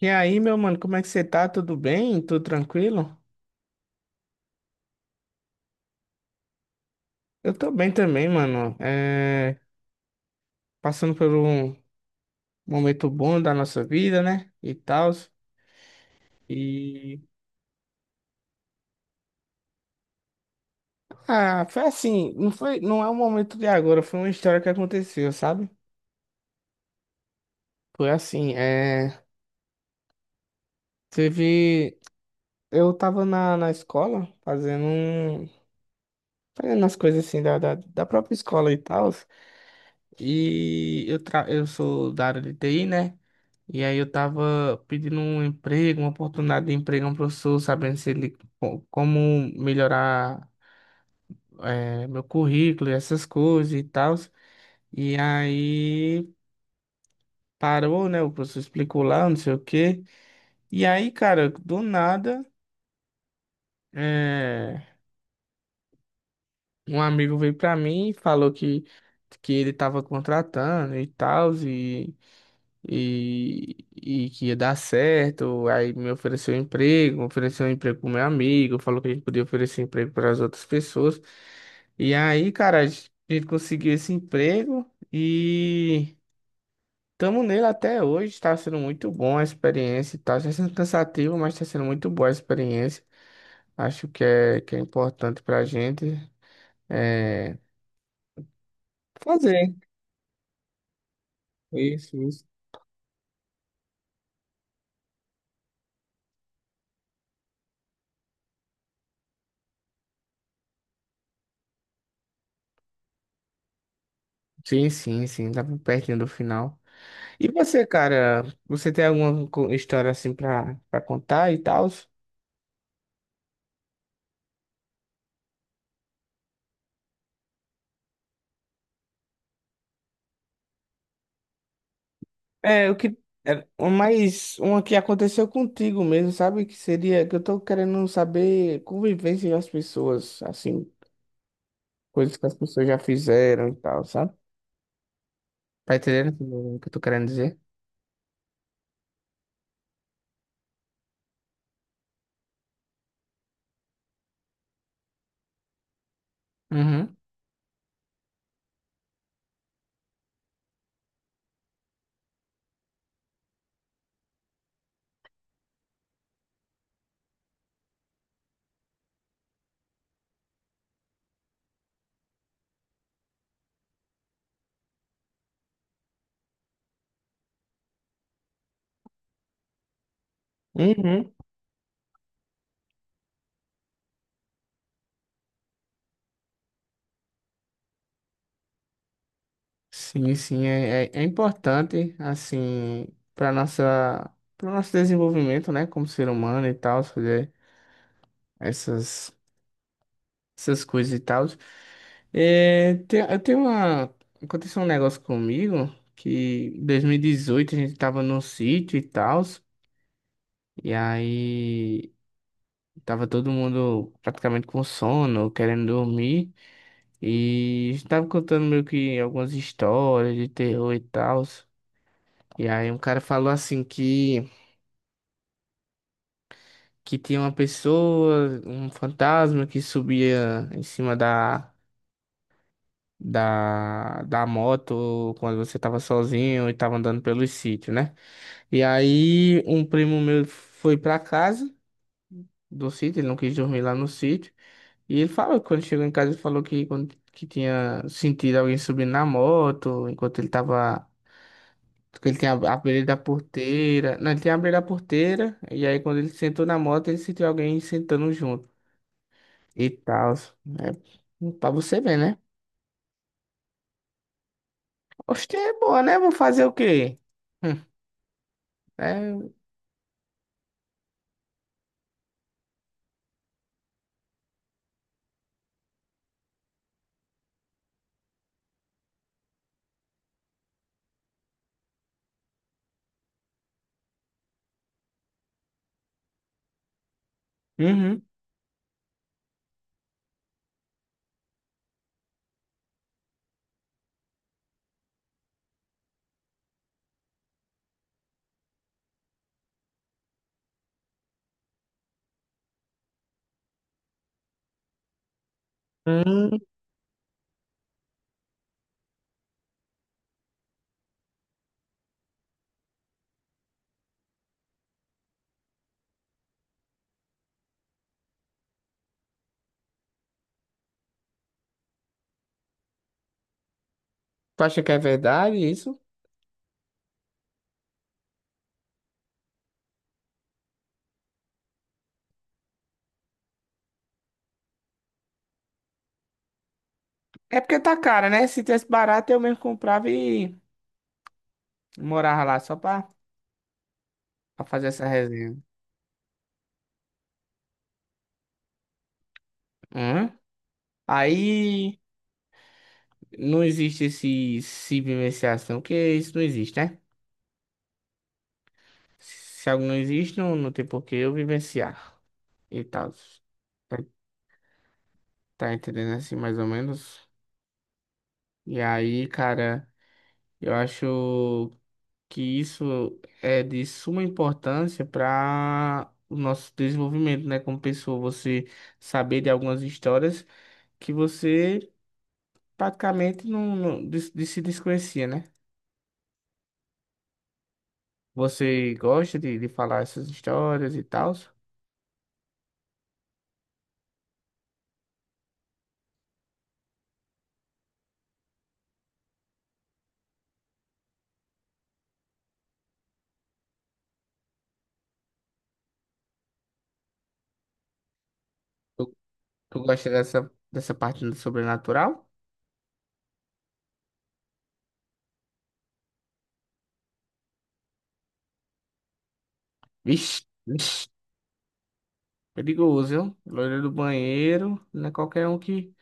E aí, meu mano, como é que você tá? Tudo bem? Tudo tranquilo? Eu tô bem também, mano. Passando por um momento bom da nossa vida, né? E tal. E. Ah, foi assim. Não foi... não é um momento de agora, foi uma história que aconteceu, sabe? Foi assim. Teve. Eu tava na escola fazendo um. Fazendo as coisas assim da própria escola e tal. E eu, tra... eu sou da área de TI, né? E aí eu tava pedindo um emprego, uma oportunidade de emprego a um professor, sabendo se ele co- como melhorar meu currículo e essas coisas e tal. E aí parou, né? O professor explicou lá, não sei o quê. E aí, cara, do nada, eh, um amigo veio pra mim e falou que ele tava contratando e tal. E que ia dar certo. Aí me ofereceu um emprego pro meu amigo, falou que a gente podia oferecer emprego para as outras pessoas. E aí, cara, a gente conseguiu esse emprego e estamos nele até hoje. Está sendo muito bom a experiência e tal. Está sendo cansativo, mas está sendo muito boa a experiência. Acho que que é importante para a gente é, fazer isso. Sim, sim, sim, tá pertinho do final. E você, cara, você tem alguma co- história assim pra contar e tal? É, o que. É, mas uma que aconteceu contigo mesmo, sabe? Que seria que eu tô querendo saber convivência das pessoas, assim, coisas que as pessoas já fizeram e tal, sabe? Tá entendendo o que eu tô querendo dizer? Uhum. Uhum. Sim, sim, é, é, é importante, assim, para nossa, para nosso desenvolvimento, né, como ser humano e tal, fazer essas. Essas coisas e tal. É, tem, eu tenho uma. Aconteceu um negócio comigo que em 2018 a gente tava num sítio e tal. E aí tava todo mundo praticamente com sono, querendo dormir. E estava contando meio que algumas histórias de terror e tal. E aí um cara falou assim que tinha uma pessoa, um fantasma que subia em cima da moto quando você tava sozinho e tava andando pelos sítios, né? E aí um primo meu foi pra casa do sítio, ele não quis dormir lá no sítio. E ele falou que quando chegou em casa, ele falou que tinha sentido alguém subindo na moto, enquanto ele tava. Porque Ele tinha abrido da porteira. Não, ele tinha abrido a porteira. E aí quando ele sentou na moto, ele sentiu alguém sentando junto. E tal. É, pra você ver, né? Oxe, é boa, né? Vou fazer o quê? Hum. É Uhum. Hum, tu acha que é verdade isso? É porque tá cara, né? Se tivesse barato, eu mesmo comprava e morava lá só pra fazer essa resenha. Hum? Aí não existe esse se vivenciação, porque isso não existe, né? Se algo não existe, não tem por que eu vivenciar e tal. Tá, tá entendendo assim, mais ou menos? E aí, cara, eu acho que isso é de suma importância para o nosso desenvolvimento, né? Como pessoa, você saber de algumas histórias que você praticamente não de se desconhecia, né? Você gosta de falar essas histórias e tal? Tu, Tu gosta dessa parte do sobrenatural? Vixe, vixe, perigoso, viu? Loira do banheiro, não é qualquer um que.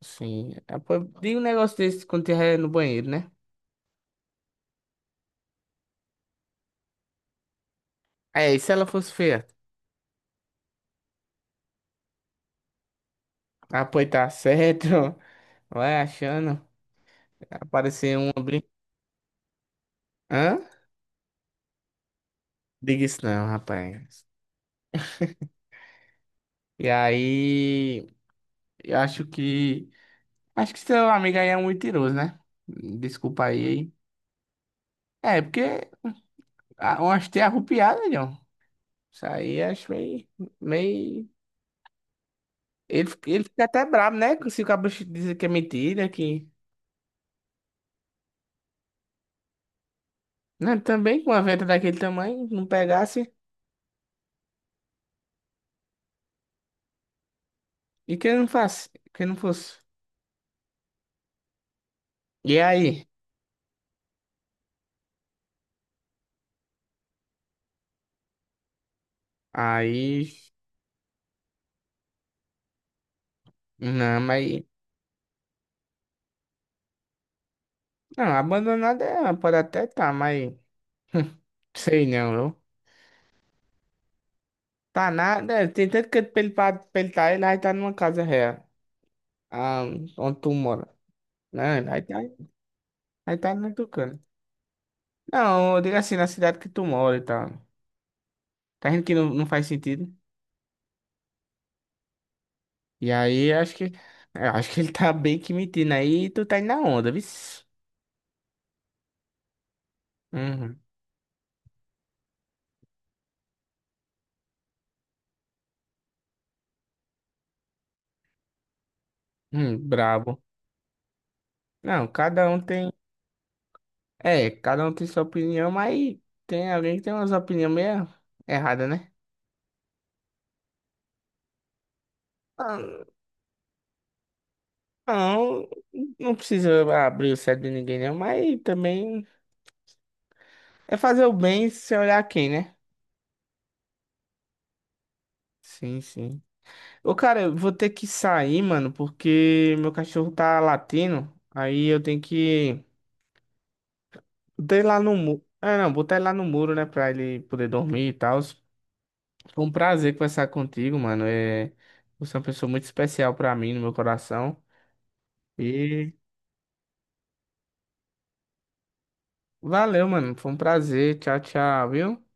Sim, é, pô, diga um negócio desse quando tiver no banheiro, né? É, e se ela fosse feia? Ah, pois tá certo. Vai achando. Apareceu um brin... Hã? Diga isso não, rapaz. E aí, eu acho que. Acho que seu amigo aí é um mentiroso, né? Desculpa aí, hein? É, porque a- umas teias arrupiadas, John. Isso aí acho meio. Meio... ele fica até brabo, né? Se o cabo dizer que é mentira, que. Não, também com uma venda daquele tamanho, não pegasse. E que ele não faça, que ele não fosse. E aí? Aí. Não, mas. Não, abandonada é, pode até tá, mas sei não, viu? Tá nada, é, tem tanto que pra ele tá, ele aí tá numa casa real, ah, onde tu mora, né? Aí tá no Tucano. Não, eu digo assim, na cidade que tu mora e tal. Tá vendo que não, não faz sentido? E aí, acho que, eu acho que ele tá bem que mentindo aí, e tu tá indo na onda, viu? Uhum, brabo. Não, cada um tem, é, cada um tem sua opinião, mas tem alguém que tem umas opiniões meio erradas, né? Ah, não, não precisa abrir o cérebro de ninguém, não, mas também é fazer o bem sem olhar quem, né? Sim, sim. Ô, cara, eu vou ter que sair, mano, porque meu cachorro tá latindo. Aí eu tenho que. Botar ele lá no muro. Ah, não, botar ele lá no muro, né? Pra ele poder dormir e tal. Foi um prazer conversar contigo, mano. É... Você é uma pessoa muito especial pra mim, no meu coração. E valeu, mano. Foi um prazer. Tchau, tchau, viu?